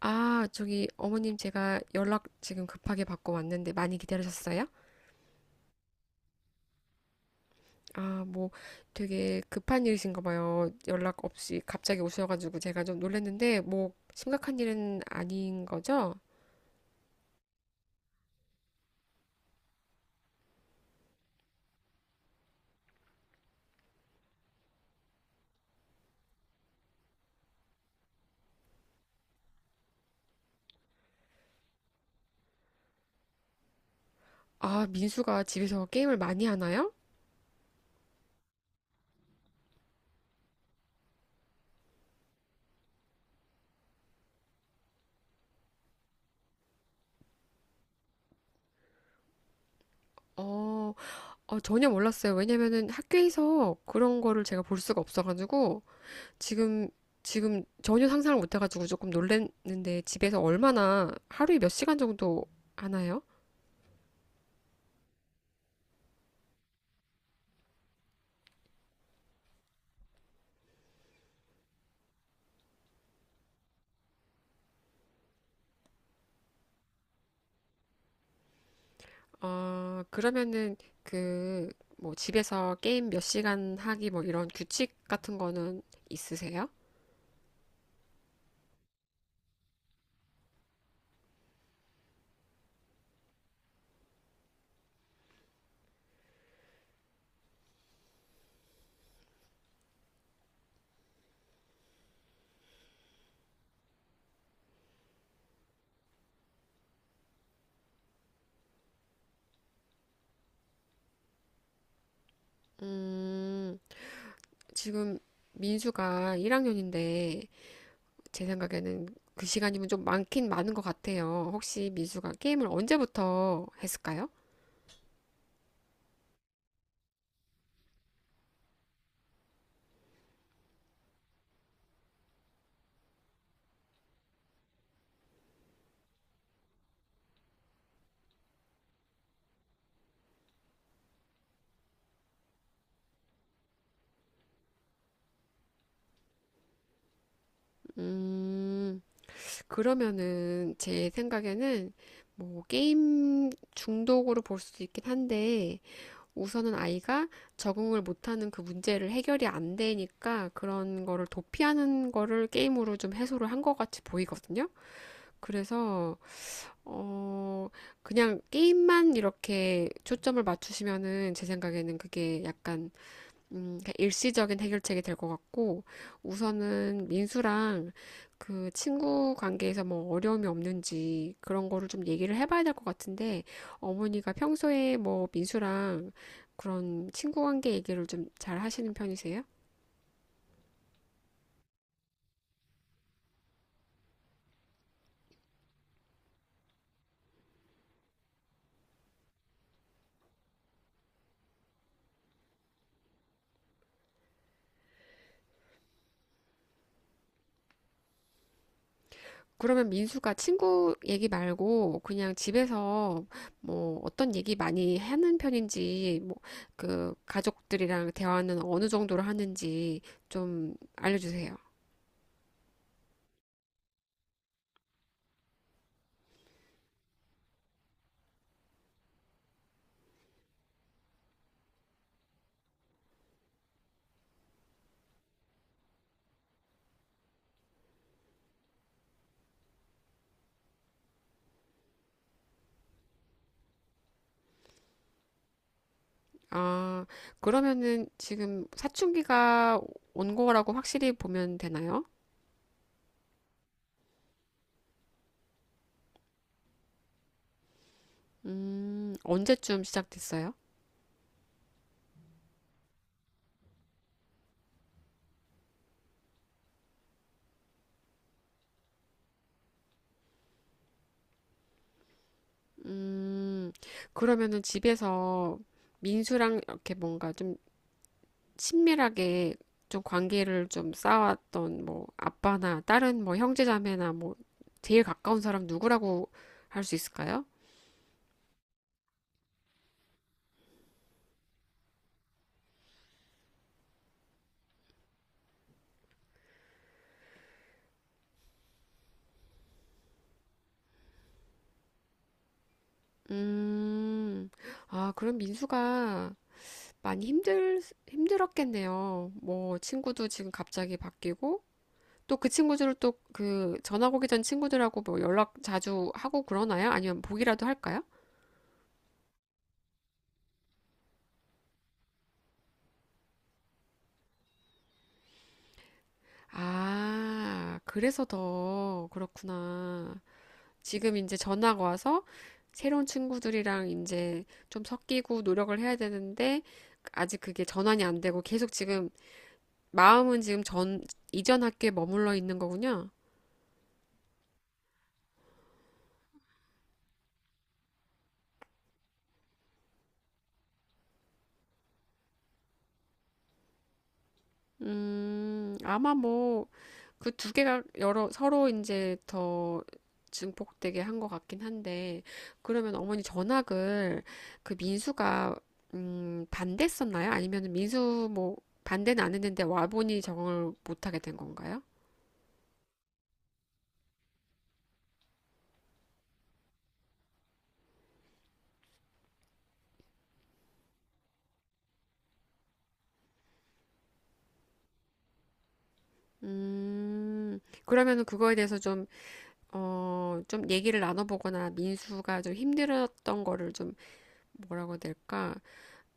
아, 저기 어머님, 제가 연락 지금 급하게 받고 왔는데 많이 기다리셨어요? 아, 뭐 되게 급한 일이신가 봐요. 연락 없이 갑자기 오셔가지고 제가 좀 놀랐는데 뭐 심각한 일은 아닌 거죠? 아, 민수가 집에서 게임을 많이 하나요? 어, 전혀 몰랐어요. 왜냐면은 학교에서 그런 거를 제가 볼 수가 없어가지고 지금 지금 전혀 상상을 못해가지고 조금 놀랐는데 집에서 얼마나 하루에 몇 시간 정도 하나요? 어, 그러면은 그 뭐 집에서 게임 몇 시간 하기 뭐 이런 규칙 같은 거는 있으세요? 음, 지금 민수가 1학년인데 제 생각에는 그 시간이면 좀 많긴 많은 것 같아요. 혹시 민수가 게임을 언제부터 했을까요? 음, 그러면은 제 생각에는 뭐 게임 중독으로 볼 수도 있긴 한데 우선은 아이가 적응을 못하는 그 문제를 해결이 안 되니까 그런 거를 도피하는 거를 게임으로 좀 해소를 한 것 같이 보이거든요. 그래서, 어, 그냥 게임만 이렇게 초점을 맞추시면은 제 생각에는 그게 약간 그러니까 일시적인 해결책이 될 것 같고, 우선은 민수랑 그 친구 관계에서 뭐 어려움이 없는지 그런 거를 좀 얘기를 해봐야 될 것 같은데, 어머니가 평소에 뭐 민수랑 그런 친구 관계 얘기를 좀 잘 하시는 편이세요? 그러면 민수가 친구 얘기 말고 그냥 집에서 뭐 어떤 얘기 많이 하는 편인지, 뭐 그 가족들이랑 대화는 어느 정도로 하는지 좀 알려주세요. 아, 그러면은 지금 사춘기가 온 거라고 확실히 보면 되나요? 언제쯤 시작됐어요? 음, 그러면은 집에서 민수랑 이렇게 뭔가 좀 친밀하게 좀 관계를 좀 쌓았던 뭐 아빠나 다른 뭐 형제자매나 뭐 제일 가까운 사람 누구라고 할 수 있을까요? 음, 아, 그럼 민수가 많이 힘들, 힘들었겠네요. 뭐, 친구도 지금 갑자기 바뀌고, 또 그 친구들을 또 그 전학 오기 전 친구들하고 뭐 연락 자주 하고 그러나요? 아니면 보기라도 할까요? 아, 그래서 더 그렇구나. 지금 이제 전학 와서 새로운 친구들이랑 이제 좀 섞이고 노력을 해야 되는데, 아직 그게 전환이 안 되고 계속 지금 마음은 지금 전, 이전 학교에 머물러 있는 거군요. 아마 뭐, 그 두 개가 서로 이제 더 증폭되게 한 것 같긴 한데, 그러면 어머니 전학을 그 민수가, 반대했었나요? 아니면 민수 뭐, 반대는 안 했는데 와보니 적응을 못하게 된 건가요? 그러면은 그거에 대해서 좀, 어, 좀 얘기를 나눠보거나 민수가 좀 힘들었던 거를 좀, 뭐라고 해야 될까?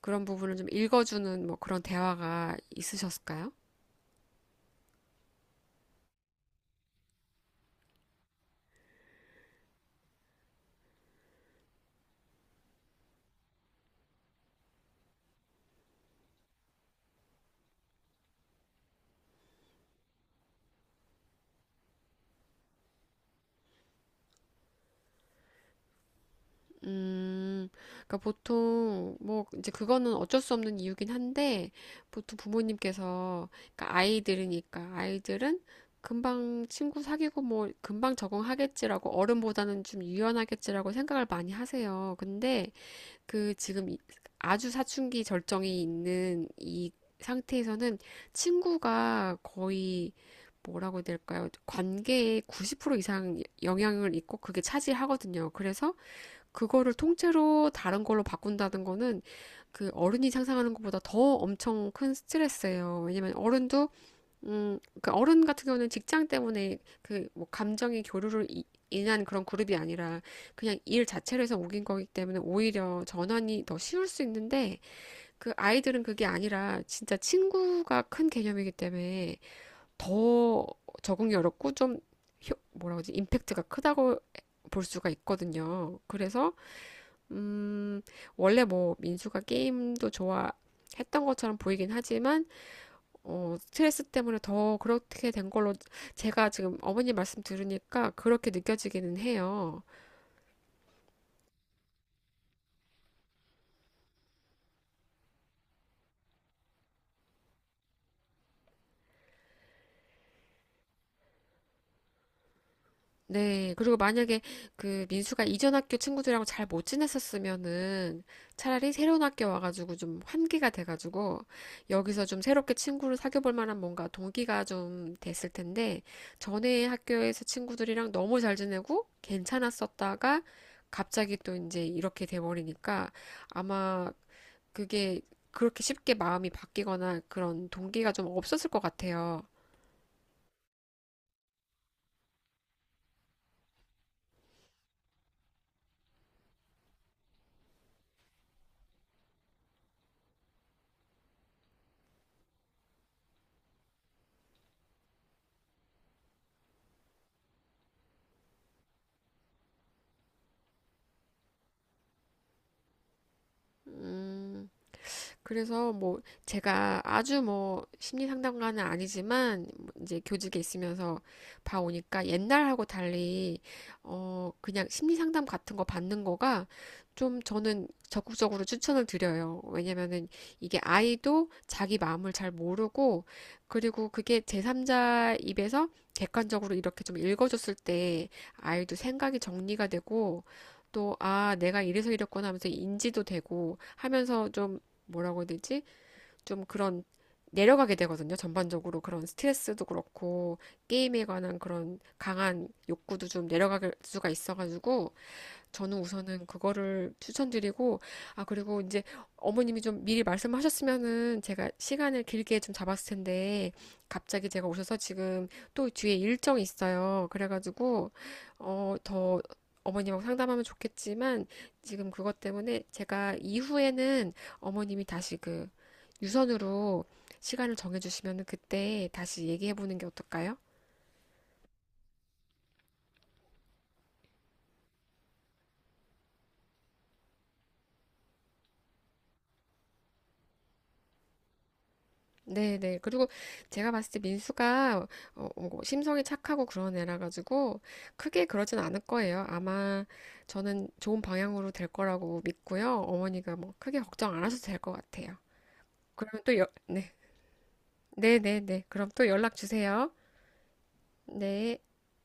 그런 부분을 좀 읽어주는 뭐 그런 대화가 있으셨을까요? 음, 그러니까 보통 뭐 이제 그거는 어쩔 수 없는 이유긴 한데 보통 부모님께서 그러니까 아이들이니까 아이들은 금방 친구 사귀고 뭐 금방 적응하겠지라고 어른보다는 좀 유연하겠지라고 생각을 많이 하세요. 근데 그 지금 이- 아주 사춘기 절정이 있는 이 상태에서는 친구가 거의 뭐라고 해야 될까요? 관계의 90% 이상 영향을 있고 그게 차지하거든요. 그래서 그거를 통째로 다른 걸로 바꾼다는 거는 그 어른이 상상하는 것보다 더 엄청 큰 스트레스예요. 왜냐면 어른도 그 어른 같은 경우는 직장 때문에 그 뭐 감정의 교류를 이- 인한 그런 그룹이 아니라 그냥 일 자체를 해서 옮긴 거기 때문에 오히려 전환이 더 쉬울 수 있는데 그 아이들은 그게 아니라 진짜 친구가 큰 개념이기 때문에 더 적응이 어렵고 좀 효- 뭐라고 지 임팩트가 크다고 볼 수가 있거든요. 그래서 음, 원래 뭐 민수가 게임도 좋아했던 것처럼 보이긴 하지만, 어, 스트레스 때문에 더 그렇게 된 걸로 제가 지금 어머니 말씀 들으니까 그렇게 느껴지기는 해요. 네. 그리고 만약에 그 민수가 이전 학교 친구들이랑 잘 못 지냈었으면은 차라리 새로운 학교 와가지고 좀 환기가 돼가지고 여기서 좀 새롭게 친구를 사귀어 볼 만한 뭔가 동기가 좀 됐을 텐데 전에 학교에서 친구들이랑 너무 잘 지내고 괜찮았었다가 갑자기 또 이제 이렇게 돼버리니까 아마 그게 그렇게 쉽게 마음이 바뀌거나 그런 동기가 좀 없었을 것 같아요. 음. 그래서 뭐 제가 아주 뭐 심리 상담가는 아니지만 이제 교직에 있으면서 봐오니까 옛날하고 달리 어 그냥 심리 상담 같은 거 받는 거가 좀 저는 적극적으로 추천을 드려요. 왜냐면은 이게 아이도 자기 마음을 잘 모르고 그리고 그게 제3자 입에서 객관적으로 이렇게 좀 읽어줬을 때 아이도 생각이 정리가 되고 또, 아, 내가 이래서 이랬구나 하면서 인지도 되고 하면서 좀 뭐라고 해야 되지? 좀 그런 내려가게 되거든요. 전반적으로 그런 스트레스도 그렇고 게임에 관한 그런 강한 욕구도 좀 내려갈 수가 있어가지고 저는 우선은 그거를 추천드리고, 아, 그리고 이제 어머님이 좀 미리 말씀하셨으면은 제가 시간을 길게 좀 잡았을 텐데, 갑자기 제가 오셔서 지금 또 뒤에 일정이 있어요. 그래가지고, 어, 더 어머님하고 상담하면 좋겠지만, 지금 그것 때문에 제가 이후에는 어머님이 다시 그 유선으로 시간을 정해주시면은 그때 다시 얘기해보는 게 어떨까요? 네네. 그리고 제가 봤을 때 민수가 뭐 심성이 착하고 그런 애라 가지고 크게 그러진 않을 거예요. 아마 저는 좋은 방향으로 될 거라고 믿고요. 어머니가 뭐 크게 걱정 안 하셔도 될 것 같아요. 그러면 네. 네네네. 그럼 또 연락 주세요. 네.